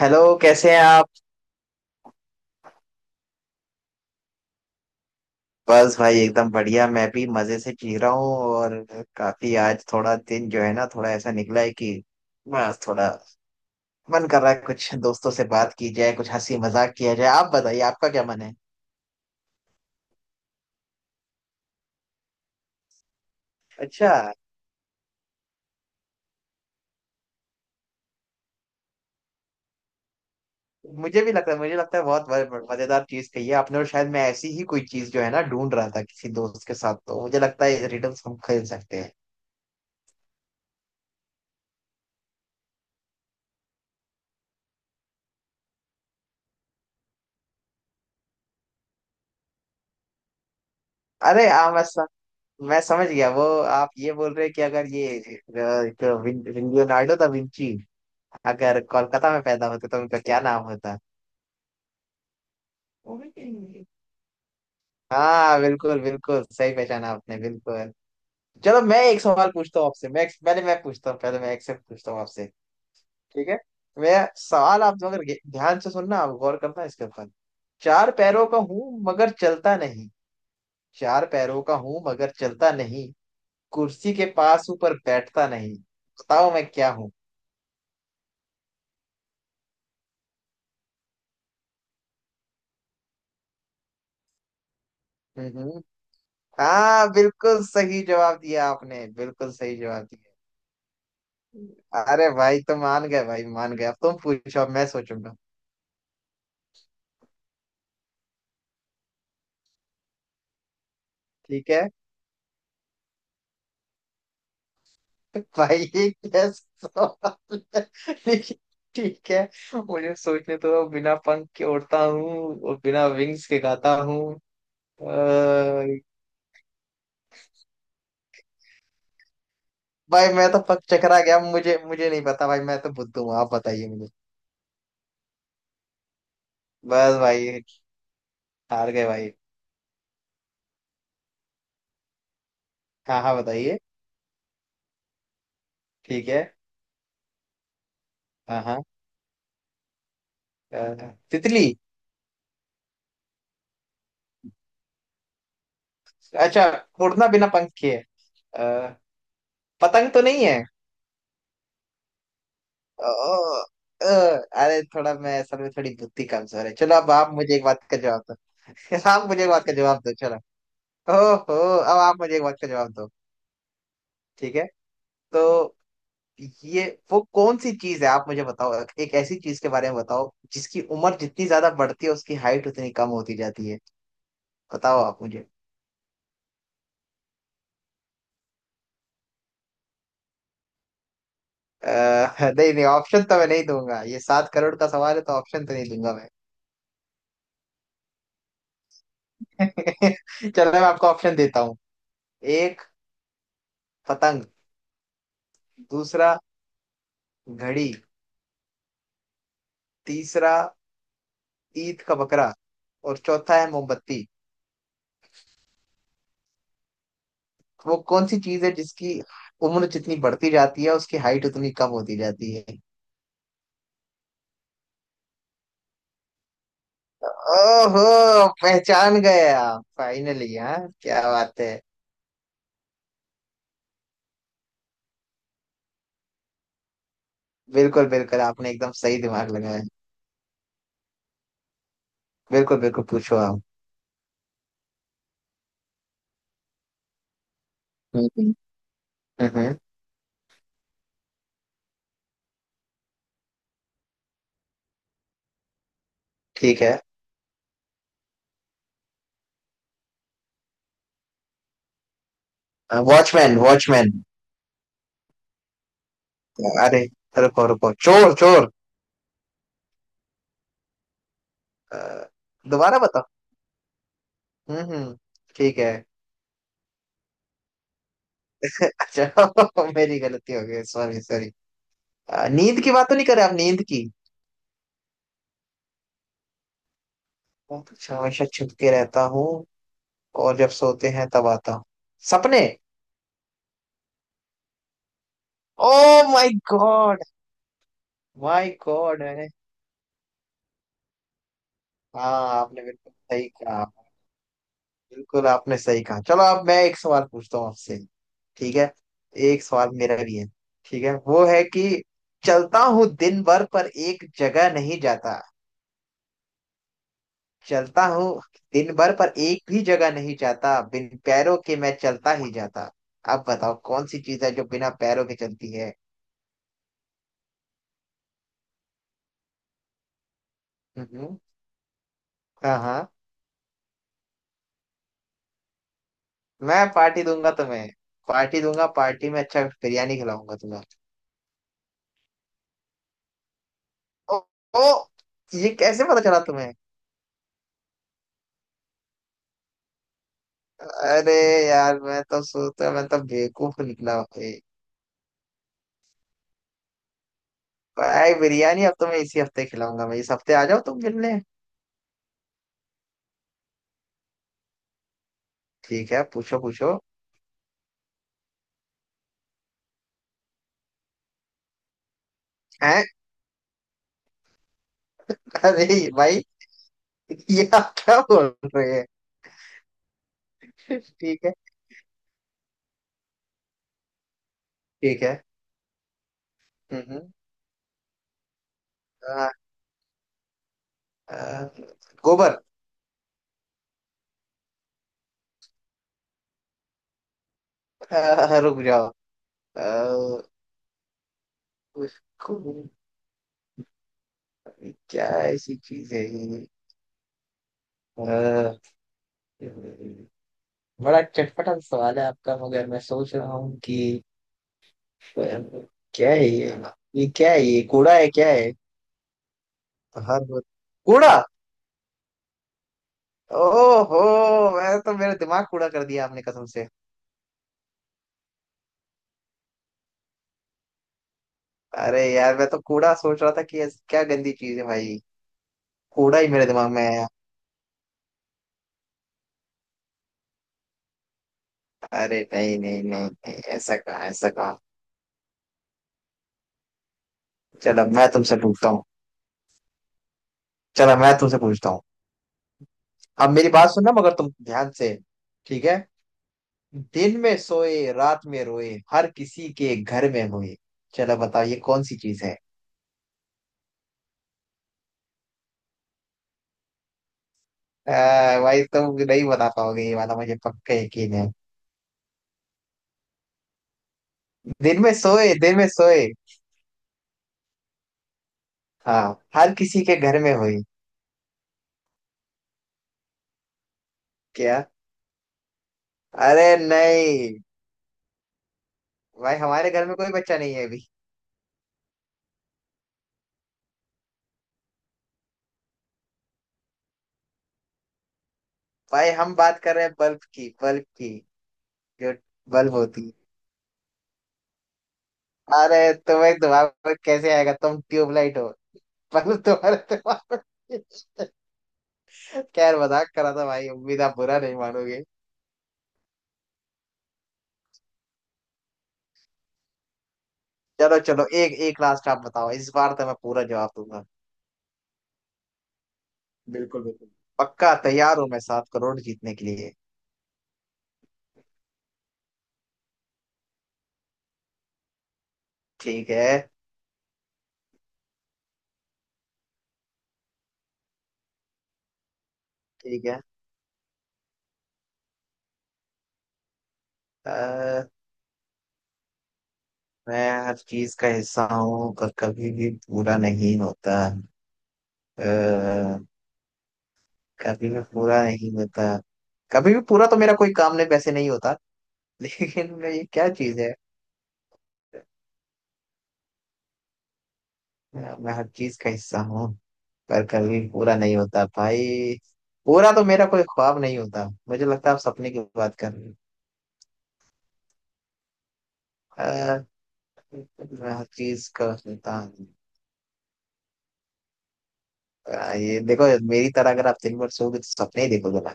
Hello, कैसे हैं आप? बस भाई एकदम बढ़िया। मैं भी मजे से जी रहा हूँ। और काफी आज थोड़ा दिन जो है ना थोड़ा ऐसा निकला है कि बस थोड़ा मन कर रहा है कुछ दोस्तों से बात की जाए, कुछ हंसी मजाक किया जाए। आप बताइए, आपका क्या मन है? अच्छा। मुझे लगता है बहुत मजेदार चीज कही है आपने। और शायद मैं ऐसी ही कोई चीज जो है ना ढूंढ रहा था किसी दोस्त के साथ। तो मुझे लगता है रिडल्स हम खेल सकते हैं। अरे, मैं समझ गया वो। आप ये बोल रहे हैं कि अगर ये एक लियोनार्डो दा विंची अगर कोलकाता में पैदा होते तो उनका क्या नाम होता? हाँ, बिल्कुल। बिल्कुल सही पहचाना आपने। बिल्कुल। चलो मैं एक सवाल पूछता हूँ आपसे। मैं पहले, मैं पूछता हूँ पहले, मैं एक से पूछता हूँ आपसे। ठीक है। मैं सवाल, आप अगर ध्यान से सुनना। आप गौर करना इसके ऊपर। चार पैरों का हूँ मगर चलता नहीं। चार पैरों का हूँ मगर चलता नहीं। कुर्सी के पास ऊपर बैठता नहीं। बताओ मैं क्या हूँ? हम्म हम्म। हाँ, बिल्कुल सही जवाब दिया आपने। बिल्कुल सही जवाब दिया। अरे भाई, तो मान गए भाई, मान गए। अब तुम पूछो, अब मैं सोचूंगा। ठीक है। भाई ये कैसा सवाल है? ठीक। ठीक है। मुझे सोचने तो दो। बिना पंख के उड़ता हूँ और बिना विंग्स के गाता हूँ। अ, भाई मैं तो पक चकरा गया। मुझे मुझे नहीं पता भाई। मैं तो बुद्धू हूँ, आप बताइए मुझे। बस भाई, हार गए भाई। हाँ हाँ, बताइए। ठीक है। हाँ हाँ, तितली। अच्छा, उड़ना बिना पंख के है। अ, पतंग तो नहीं है। ओ, ओ, अरे थोड़ा मैं असल में थोड़ी बुद्धि कमजोर है। चलो अब आप मुझे एक बात का जवाब दो। आप मुझे एक बात का जवाब दो, चलो। ओहो। अब आप मुझे एक बात का जवाब दो। ठीक है। तो ये वो कौन सी चीज है, आप मुझे बताओ। एक ऐसी चीज के बारे में बताओ जिसकी उम्र जितनी ज्यादा बढ़ती है उसकी हाइट उतनी कम होती जाती है। बताओ आप मुझे। नहीं नहीं, ऑप्शन तो मैं नहीं दूंगा। ये 7 करोड़ का सवाल है, तो ऑप्शन तो नहीं दूंगा मैं। चलो मैं आपको ऑप्शन देता हूँ। एक, पतंग। दूसरा, घड़ी। तीसरा, ईद का बकरा। और चौथा है मोमबत्ती। वो कौन सी चीज है जिसकी उम्र जितनी बढ़ती जाती है उसकी हाइट उतनी कम होती जाती है? ओहो, पहचान गए आप फाइनली। हाँ, क्या बात है। बिल्कुल बिल्कुल, आपने एकदम सही दिमाग लगाया। बिल्कुल बिल्कुल, पूछो आप। हम्म हम्म, ठीक है। वॉचमैन! वॉचमैन! अरे, रुको रुको, चोर चोर! अ, दोबारा बताओ। हम्म हम्म, ठीक है। अच्छा, मेरी गलती हो गई। Sorry sorry. नींद की बात तो नहीं कर रहे आप? नींद की। मैं तो हमेशा छुप के रहता हूँ और जब सोते हैं तब आता हूँ। सपने! Oh my God! My God! मैंने। हाँ, आपने बिल्कुल सही कहा। बिल्कुल, आपने सही कहा। चलो अब मैं एक सवाल पूछता हूँ आपसे। ठीक है। एक सवाल मेरा भी है। ठीक है, वो है कि चलता हूँ दिन भर पर एक जगह नहीं जाता। चलता हूँ दिन भर पर एक भी जगह नहीं जाता। बिन पैरों के मैं चलता ही जाता। अब बताओ कौन सी चीज है जो बिना पैरों के चलती है? हम्म, हाँ हाँ, मैं पार्टी दूंगा तुम्हें। पार्टी दूंगा, पार्टी में अच्छा बिरयानी खिलाऊंगा तुम्हें। ओ, ओ, ये कैसे पता चला तुम्हें? अरे यार, मैं तो सोचता, मैं तो बेवकूफ निकला भाई। भाई, बिरयानी अब तुम्हें इसी हफ्ते खिलाऊंगा मैं। इस हफ्ते आ जाओ तुम मिलने। ठीक है, पूछो पूछो। हैं? अरे भाई, ये आप क्या बोल रहे? ठीक है। ठीक है। हम्म हम्म। आ, आ, गोबर। रुक जाओ। आ, उसको क्या ऐसी चीज है ये? आ, बड़ा चटपटा सवाल है आपका, मगर मैं सोच रहा हूँ कि आ, क्या है ये। ये क्या है? ये कूड़ा है? क्या है? हर रोज- कूड़ा। ओहो, मैं तो मेरा दिमाग कूड़ा कर दिया आपने, कसम से। अरे यार, मैं तो कूड़ा सोच रहा था कि ऐसी क्या गंदी चीज है भाई। कूड़ा ही मेरे दिमाग में है। अरे नहीं नहीं नहीं नहीं, ऐसा कहा, ऐसा कहा। चलो मैं तुमसे पूछता हूँ। चलो मैं तुमसे पूछता हूँ। अब मेरी बात सुनना मगर तुम ध्यान से। ठीक है। दिन में सोए, रात में रोए, हर किसी के घर में होए। चलो बताओ ये कौन सी चीज है? भाई तुम नहीं बता पाओगे ये वाला, मुझे पक्का यकीन है। दिन में सोए, दिन में सोए। हाँ। हर किसी के घर में हुई। क्या? अरे नहीं। भाई हमारे घर में कोई बच्चा नहीं है अभी। भाई हम बात कर रहे हैं बल्ब की, बल्ब की, जो बल्ब होती। अरे, तुम्हें दिमाग में कैसे आएगा, तुम ट्यूबलाइट हो। पर तुम्हारे दिमाग में। खैर, मजाक करा था भाई, उम्मीद आप बुरा नहीं मानोगे। चलो चलो, एक एक लास्ट आप बताओ, इस बार तो मैं पूरा जवाब दूंगा। बिल्कुल बिल्कुल। पक्का तैयार हूं मैं 7 करोड़ जीतने के लिए। ठीक है। ठीक है। अ, मैं हर चीज का हिस्सा हूँ पर कभी भी पूरा नहीं होता। आ, कभी भी पूरा नहीं होता। कभी भी पूरा तो मेरा कोई काम नहीं वैसे नहीं होता। लेकिन ये क्या चीज है? मैं हर चीज का हिस्सा हूँ पर कभी पूरा नहीं होता भाई। पूरा तो मेरा कोई ख्वाब नहीं होता, मुझे लगता है आप सपने की बात कर रहे हो। अ, मैं हर चीज का होता हूँ। ये देखो। मेरी तरह अगर आप दिन भर सोओगे तो सपने ही देखोगे ना।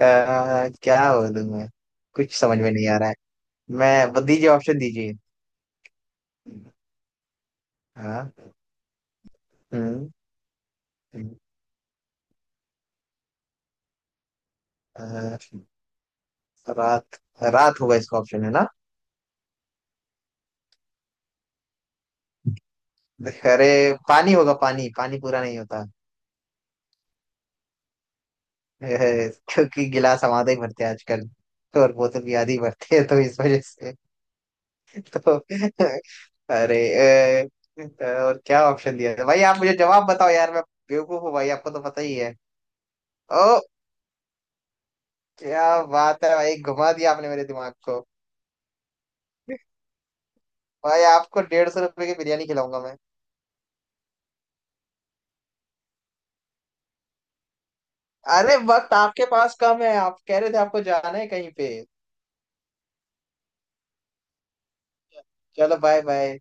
क्या बोलूं मैं। कुछ समझ में नहीं आ रहा है। मैं बस, दीजिए ऑप्शन दीजिए। हाँ। हम्म हम्म। अ, रात, रात होगा इसका ऑप्शन है ना। अरे, पानी होगा, पानी, पानी पूरा नहीं होता। है। क्योंकि गिलास हमारे ही भरते हैं आजकल। तो और बोतल भी आधी भरते हैं, तो इस वजह से। तो अरे। और क्या ऑप्शन दिया था भाई? आप मुझे जवाब बताओ यार, मैं बेवकूफ हूँ भाई, आपको तो पता ही है। ओ, क्या बात है भाई, घुमा दिया आपने मेरे दिमाग को। भाई आपको 150 रुपए की बिरयानी खिलाऊंगा मैं। अरे, वक्त आपके पास कम है, आप कह रहे थे आपको जाना है कहीं पे। चलो, बाय बाय।